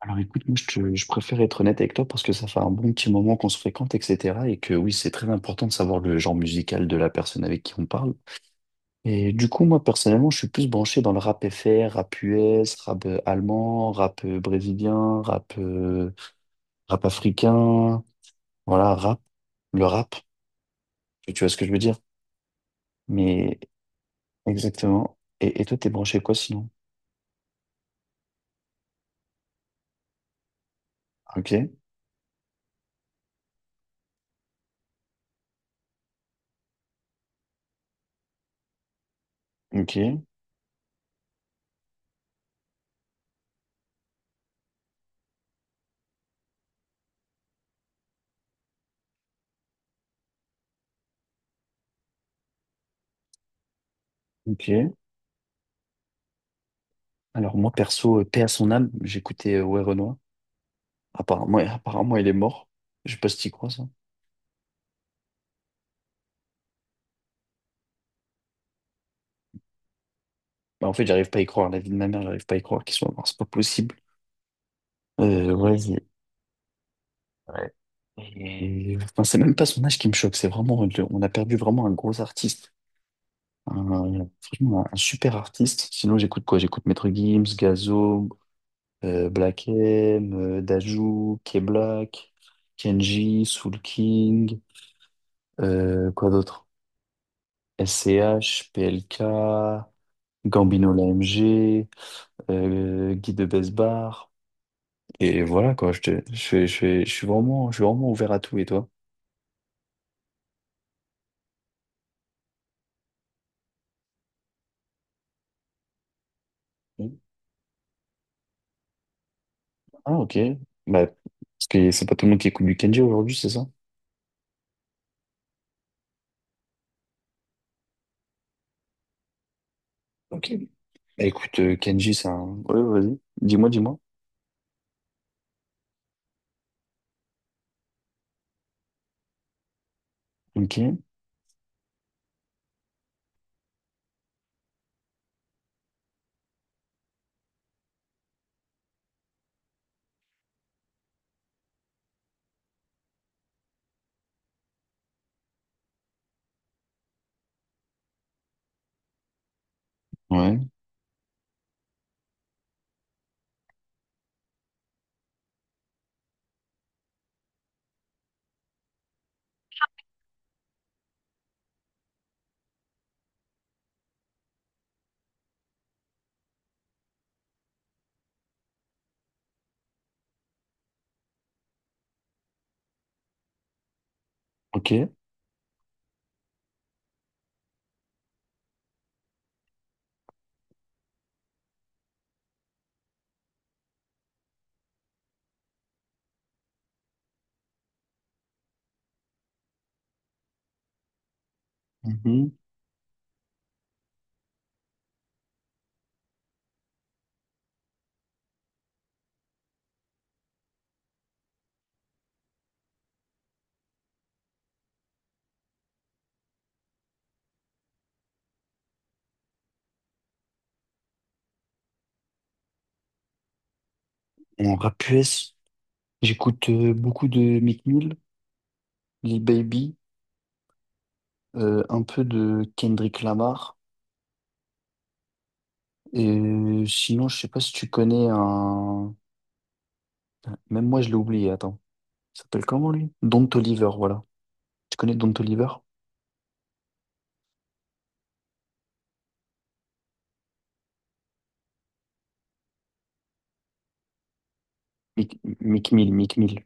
Alors écoute, je préfère être honnête avec toi parce que ça fait un bon petit moment qu'on se fréquente, etc. Et que oui, c'est très important de savoir le genre musical de la personne avec qui on parle. Et du coup, moi personnellement, je suis plus branché dans le rap FR, rap US, rap allemand, rap brésilien, rap africain, voilà, rap, le rap, si tu vois ce que je veux dire? Mais exactement. Et toi, t'es branché quoi sinon? Ok, ok, ok. Alors moi perso, paix à son âme, j'écoutais Ouais Renoir. Apparemment, il est mort. Je sais pas si t'y crois, ça. Bah, en fait, j'arrive pas à y croire. La vie de ma mère, j'arrive pas à y croire qu'il soit mort. C'est pas possible. Euh, ouais, il- ouais. Enfin, c'est même pas son âge qui me choque. On a perdu vraiment un gros artiste. Super artiste. Sinon, j'écoute quoi? J'écoute Maître Gims, Gazo, Black M, Dajou, K-Black, Kenji, Soul King, quoi d'autre? SCH, PLK, Gambino l'AMG. Euh, guide de best. Et voilà, quoi, je, te- je, fais- je, fais- je suis vraiment ouvert à tout, et toi? Ah, ok. Bah, parce que c'est pas tout le monde qui écoute du Kenji aujourd'hui, c'est ça? Ok. Bah, écoute, Kenji, c'est un... Ouais, vas-y. Dis-moi. Ok. Ouais. Ok. Mhm. En rap US, j'écoute beaucoup de Meek Mill, Lil Baby, un peu de Kendrick Lamar. Et sinon, je sais pas si tu connais un... Même moi, je l'ai oublié, attends. Il s'appelle comment lui? Don Toliver, voilà. Tu connais Don Toliver? Mick Mill.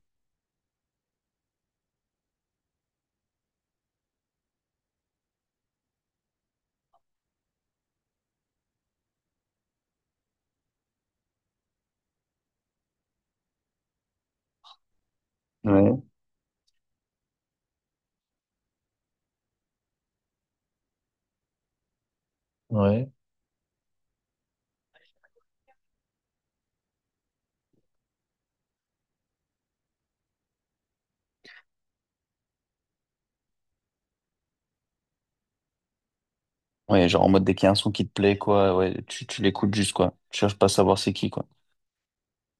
Ouais. Ouais. Ouais, genre en mode dès qu'il y a un son qui te plaît, quoi, ouais, tu l'écoutes juste, quoi. Tu cherches pas à savoir c'est qui, quoi.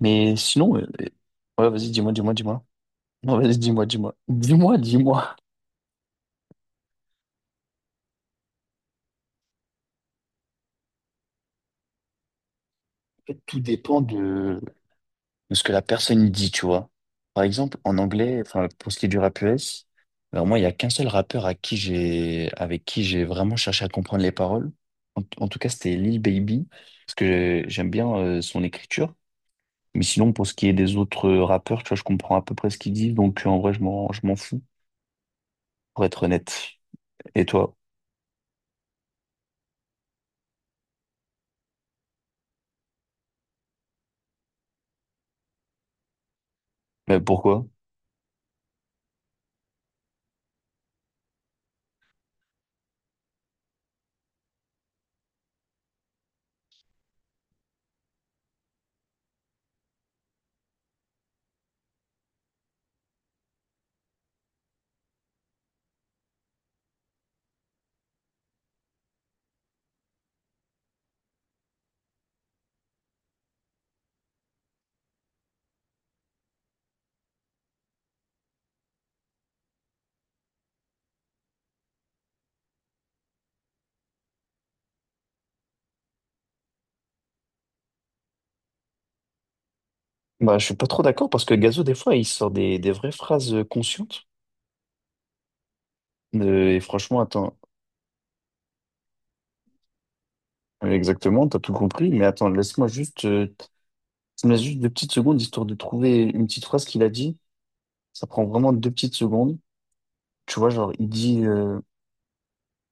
Mais sinon, ouais, vas-y, dis-moi. Non, vas-y, dis-moi. En fait, de ce que la personne y dit, tu vois. Par exemple, en anglais, enfin, pour ce qui est du rap US, alors moi, il n'y a qu'un seul rappeur à qui j'ai, avec qui j'ai vraiment cherché à comprendre les paroles. En tout cas, c'était Lil Baby, parce que j'aime bien son écriture. Mais sinon, pour ce qui est des autres rappeurs, tu vois, je comprends à peu près ce qu'ils disent, donc en vrai, je m'en fous, pour être honnête. Et toi? Mais pourquoi? Bah, je suis pas trop d'accord parce que Gazo, des fois, il sort des vraies phrases conscientes. Et franchement, attends, exactement, t'as tout compris. Mais attends, laisse-moi juste ça me laisse juste deux petites secondes histoire de trouver une petite phrase qu'il a dit. Ça prend vraiment deux petites secondes. Tu vois, genre,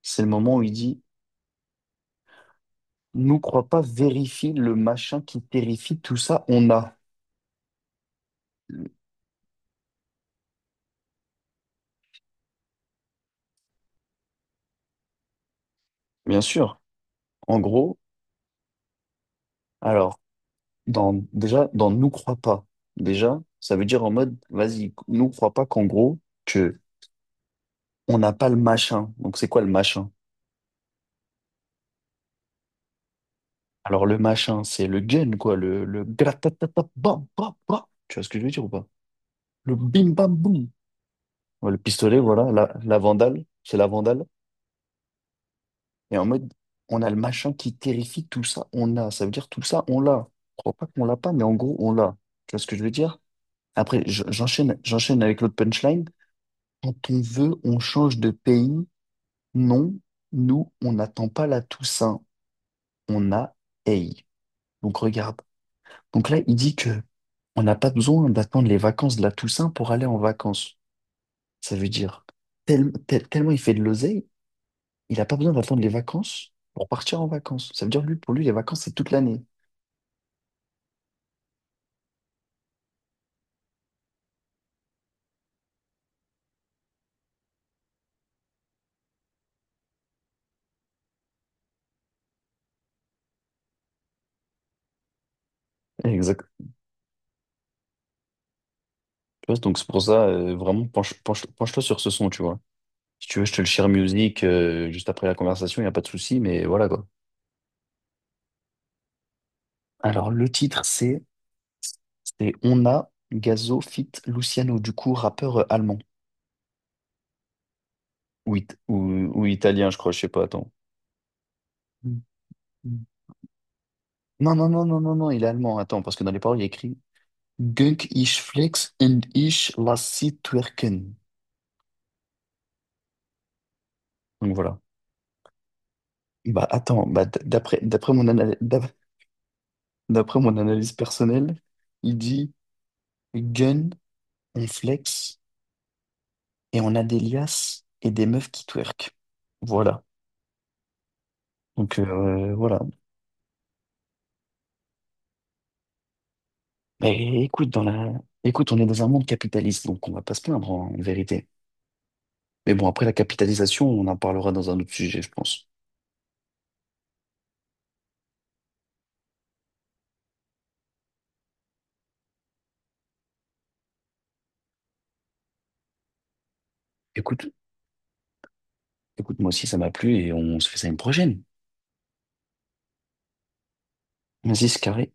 c'est le moment où il dit, nous crois pas, vérifie le machin qui terrifie, tout ça, on a. Bien sûr, en gros, alors, déjà, dans nous crois pas, déjà, ça veut dire en mode, vas-y, nous crois pas qu'en gros, que on n'a pas le machin. Donc, c'est quoi le machin? Alors, le machin, c'est le gun, quoi, le gratatata, bam, bam, bam. Tu vois ce que je veux dire ou pas? Le bim, bam, boum. Ouais, le pistolet, voilà, la vandale, c'est la vandale. Et en mode, on a le machin qui terrifie, tout ça, on l'a. Ça veut dire tout ça, on l'a. Je crois pas qu'on l'a pas, mais en gros, on l'a. Tu vois ce que je veux dire? Après, j'enchaîne avec l'autre punchline. Quand on veut, on change de pays. Non, nous, on n'attend pas la Toussaint. On a. Hey. Donc regarde. Donc là, il dit que on n'a pas besoin d'attendre les vacances de la Toussaint pour aller en vacances. Ça veut dire tellement il fait de l'oseille. Il n'a pas besoin d'attendre les vacances pour partir en vacances. Ça veut dire, lui, pour lui, les vacances, c'est toute l'année. Exact. Tu vois, donc c'est pour ça, vraiment, penche-toi sur ce son, tu vois. Si tu veux, je te le share music juste après la conversation, il n'y a pas de souci, mais voilà quoi. Alors, le titre, c'est On a Gazo feat. Luciano, du coup, rappeur allemand. Ou, it- ou, ou italien, je crois, je sais pas, attends. Mm, mm. Non, il est allemand, attends, parce que dans les paroles, il y a écrit Gunk ich flex und ich lass sie twerken. Donc voilà. Bah attends, bah, d- d'après d'après mon analyse personnelle, il dit gun, on flex et on a des liasses et des meufs qui twerk. Voilà. Donc voilà. Mais écoute, dans la écoute, on est dans un monde capitaliste, donc on va pas se plaindre en vérité. Mais bon, après la capitalisation, on en parlera dans un autre sujet, je pense. Écoute, écoute, moi aussi ça m'a plu et on se fait ça une prochaine. Vas-y, c'est carré.